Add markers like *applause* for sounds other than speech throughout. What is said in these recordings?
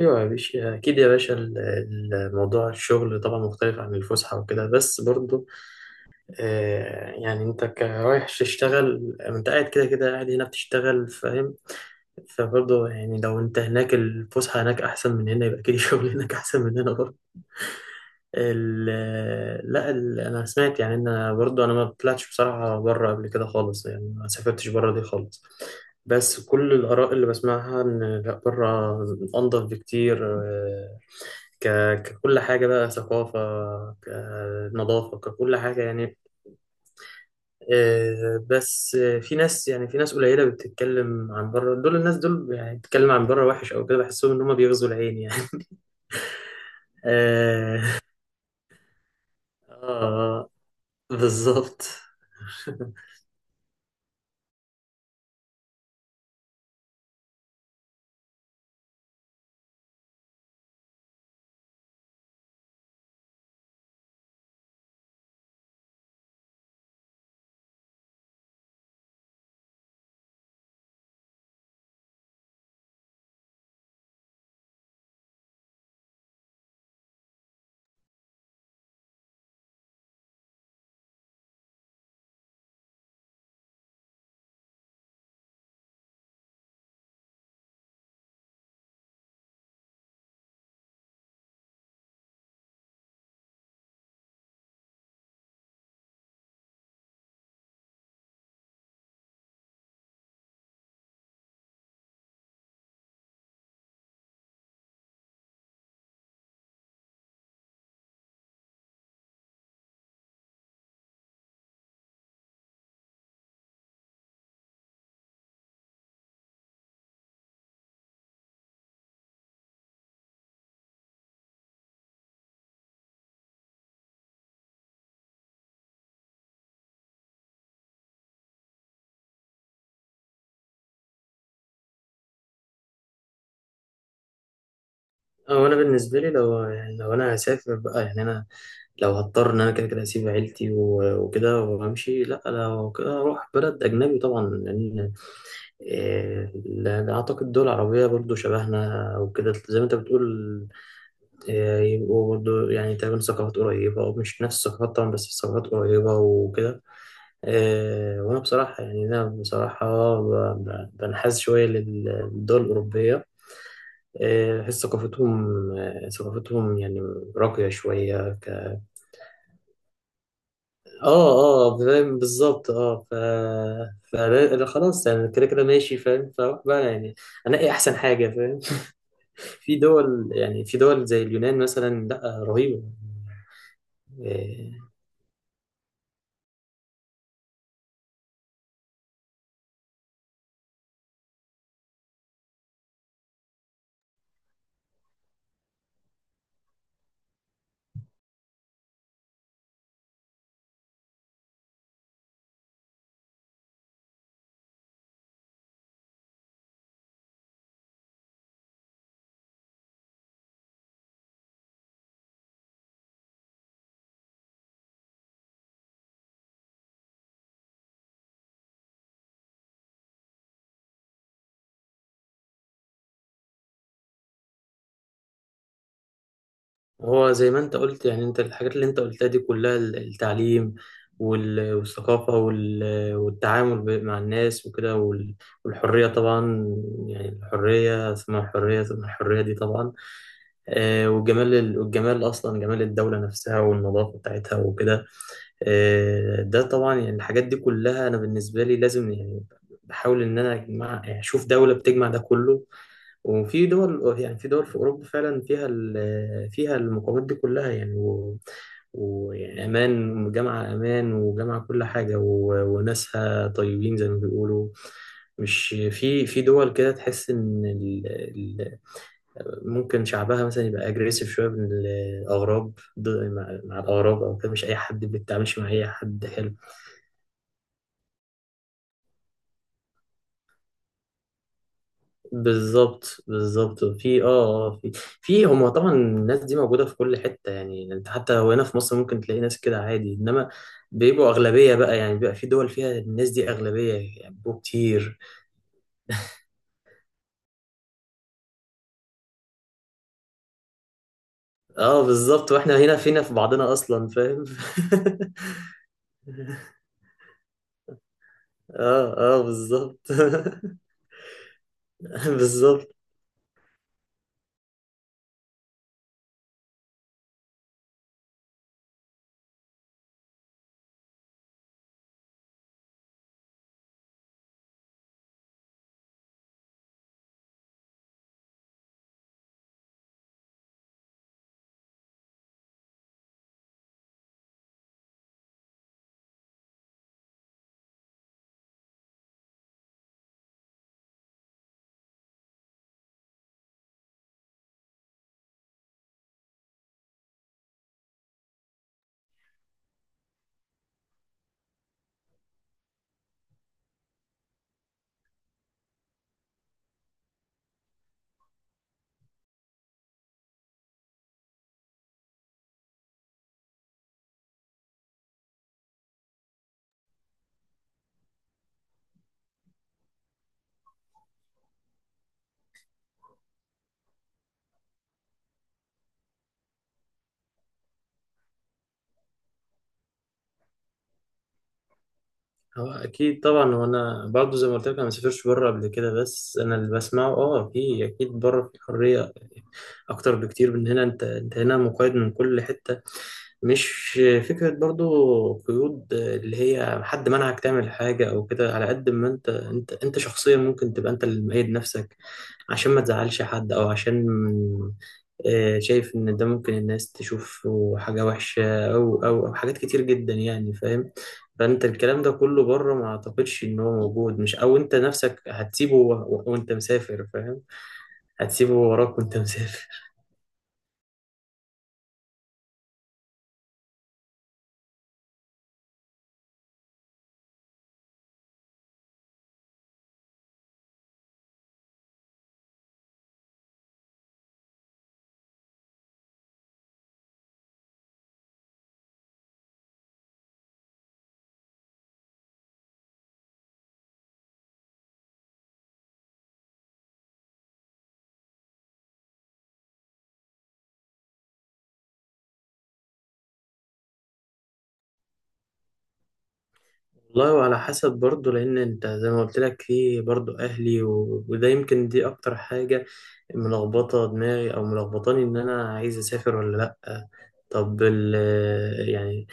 ايوه يا باشا، اكيد يا باشا، موضوع الشغل طبعا مختلف عن الفسحه وكده، بس برضو يعني انت رايح تشتغل، انت قاعد كده كده، قاعد هنا بتشتغل، فاهم؟ فبرضو يعني لو انت هناك الفسحه هناك احسن من هنا، يبقى اكيد الشغل *laughs* هناك احسن من هنا برضو. لا، انا سمعت، يعني انا برضو، انا ما طلعتش بصراحه بره قبل كده خالص، يعني ما سافرتش بره دي خالص. بس كل الآراء اللي بسمعها إن لأ، بره أنضف بكتير. ك... ككل حاجة بقى ثقافة، كنظافة، ككل حاجة يعني. بس في ناس، يعني في ناس قليلة بتتكلم عن بره، دول الناس دول يعني بتتكلم عن بره وحش أو كده، بحسهم إن هما بيغزوا العين يعني. *laughs* آه. آه، بالظبط. *laughs* أو أنا بالنسبة لي، لو يعني لو أنا هسافر بقى، يعني أنا لو هضطر إن أنا كده كده أسيب عيلتي و- وكده وأمشي، لأ، لو كده أروح بلد أجنبي طبعا، لأن إيه، أعتقد دول عربية برضو شبهنا وكده، زي ما أنت بتقول. إيه، يبقوا برضو يعني تقريبا ثقافات قريبة، أو مش نفس الثقافات طبعا، بس ثقافات قريبة وكده. إيه، وأنا بصراحة، يعني أنا بصراحة بنحاز شوية للدول الأوروبية. إيه، بحس ثقافتهم، ثقافتهم يعني راقية شوية. اه. اه، فاهم، بالظبط. اه، فأنا- أنا خلاص يعني كده كده ماشي، فاهم، فأروح بقى يعني أنقي أحسن حاجة، فاهم. *laughs* في دول، يعني في دول زي اليونان مثلا، لا، رهيبة. إيه، هو زي ما انت قلت، يعني انت الحاجات اللي انت قلتها دي كلها، التعليم والثقافة والتعامل مع الناس وكده، والحرية طبعا. يعني الحرية ثم الحرية ثم الحرية، دي طبعا. والجمال أصلا، جمال الدولة نفسها والنظافة بتاعتها وكده. ده طبعا، يعني الحاجات دي كلها أنا بالنسبة لي لازم، يعني بحاول إن أنا أجمع، يعني أشوف دولة بتجمع ده كله. وفي دول، يعني في دول في أوروبا فعلا فيها، فيها المقومات دي كلها يعني، ويعني أمان، جامعة أمان وجامعة كل حاجة، و- وناسها طيبين زي ما بيقولوا. مش في دول كده تحس إن ال ممكن شعبها مثلا يبقى أجريسيف شوية من الأغراب، مع الأغراب أو كده، مش أي حد بيتعاملش مع أي حد حلو. بالظبط، بالظبط، في. اه. في. هم طبعا الناس دي موجوده في كل حته، يعني انت حتى لو هنا في مصر ممكن تلاقي ناس كده عادي، انما بيبقوا اغلبيه بقى، يعني بيبقى في دول فيها الناس دي اغلبيه، يعني بيبقوا كتير. اه، بالظبط، واحنا هنا فينا في بعضنا اصلا، فاهم. *laughs* اه، اه، بالظبط. *laughs* بالظبط. هو اكيد طبعا، وانا برضه زي ما قلت لك، انا ما سافرش بره قبل كده، بس انا اللي بسمعه، اه، في اكيد بره في حريه اكتر بكتير من هنا. انت هنا مقيد من كل حته. مش فكرة برضو قيود اللي هي حد منعك تعمل حاجة أو كده، على قد ما أنت شخصيا ممكن تبقى أنت اللي مقيد نفسك عشان ما تزعلش حد، أو عشان شايف إن ده ممكن الناس تشوف حاجة وحشة، أو حاجات كتير جدا يعني، فاهم. فأنت الكلام ده كله بره ما أعتقدش إن هو موجود، مش، أو أنت نفسك هتسيبه و- وأنت مسافر، فاهم، هتسيبه وراك وأنت *laughs* مسافر. والله وعلى حسب برضه، لأن أنت زي ما قلت لك في برضه أهلي، و... وده يمكن دي أكتر حاجة ملخبطة دماغي، أو ملخبطاني إن أنا عايز أسافر ولا لأ. طب *laughs* يعني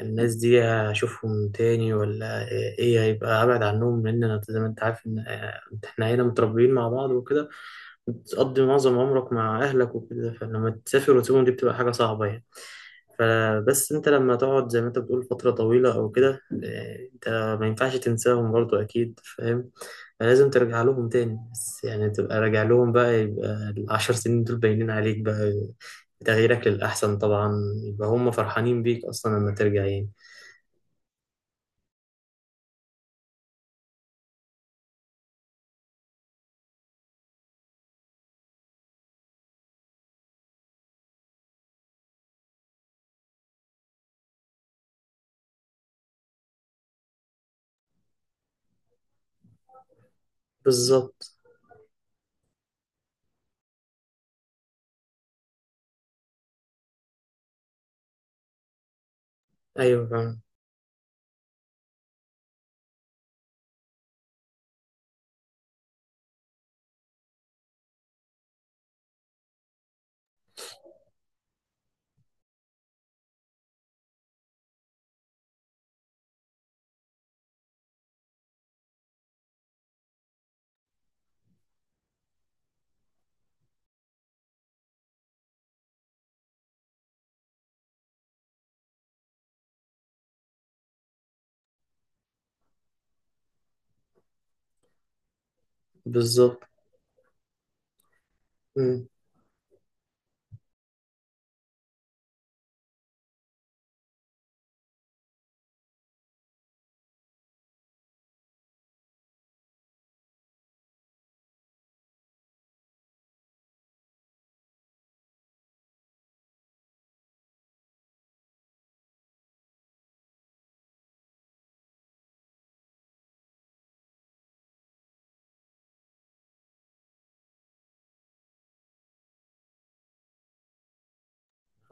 الناس دي هشوفهم تاني، ولا إيه، هيبقى أبعد عنهم، لأن أنا زي ما أنت عارف إن إحنا هنا متربيين مع بعض وكده، بتقضي معظم عمرك مع أهلك وكده، فلما تسافر وتسيبهم دي بتبقى حاجة صعبة يعني. فبس أنت لما تقعد زي ما أنت بتقول فترة طويلة أو كده، أنت ما ينفعش تنساهم برضو أكيد، فاهم. لازم ترجع لهم تاني، بس يعني تبقى راجع لهم بقى، يبقى الـ10 سنين دول باينين عليك بقى، تغييرك للأحسن طبعا، يبقى هم فرحانين بيك أصلا لما ترجع يعني. بالظبط. أيوه فاهم. بالظبط.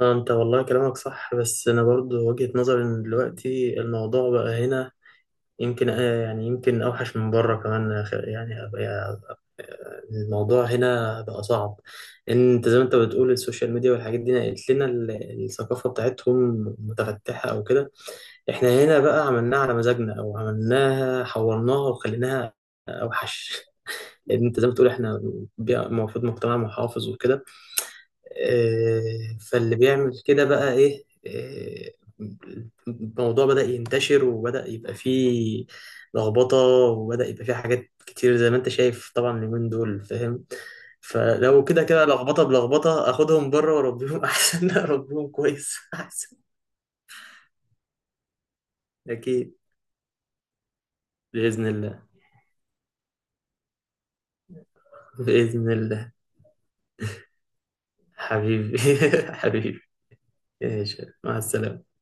اه، انت والله كلامك صح، بس انا برضو وجهة نظري ان دلوقتي الموضوع بقى هنا يمكن، يعني يمكن اوحش من بره كمان يا أخي. يعني الموضوع هنا بقى صعب، ان انت زي ما انت بتقول السوشيال ميديا والحاجات دي نقلت لنا الثقافة بتاعتهم متفتحة او كده، احنا هنا بقى عملناها على مزاجنا، او عملناها حورناها وخليناها اوحش. *laughs* لان انت زي ما بتقول احنا المفروض مجتمع محافظ وكده، فاللي بيعمل كده بقى ايه؟ الموضوع بدأ ينتشر، وبدأ يبقى فيه لخبطة، وبدأ يبقى فيه حاجات كتير زي ما انت شايف طبعا اليومين دول، فاهم. فلو كده كده لخبطة بلخبطة، اخدهم بره واربيهم *laughs* احسن، اربيهم كويس *laughs* احسن. اكيد. بإذن الله، بإذن الله. حبيبي. *laughs* حبيبي. ماشي، مع السلامة.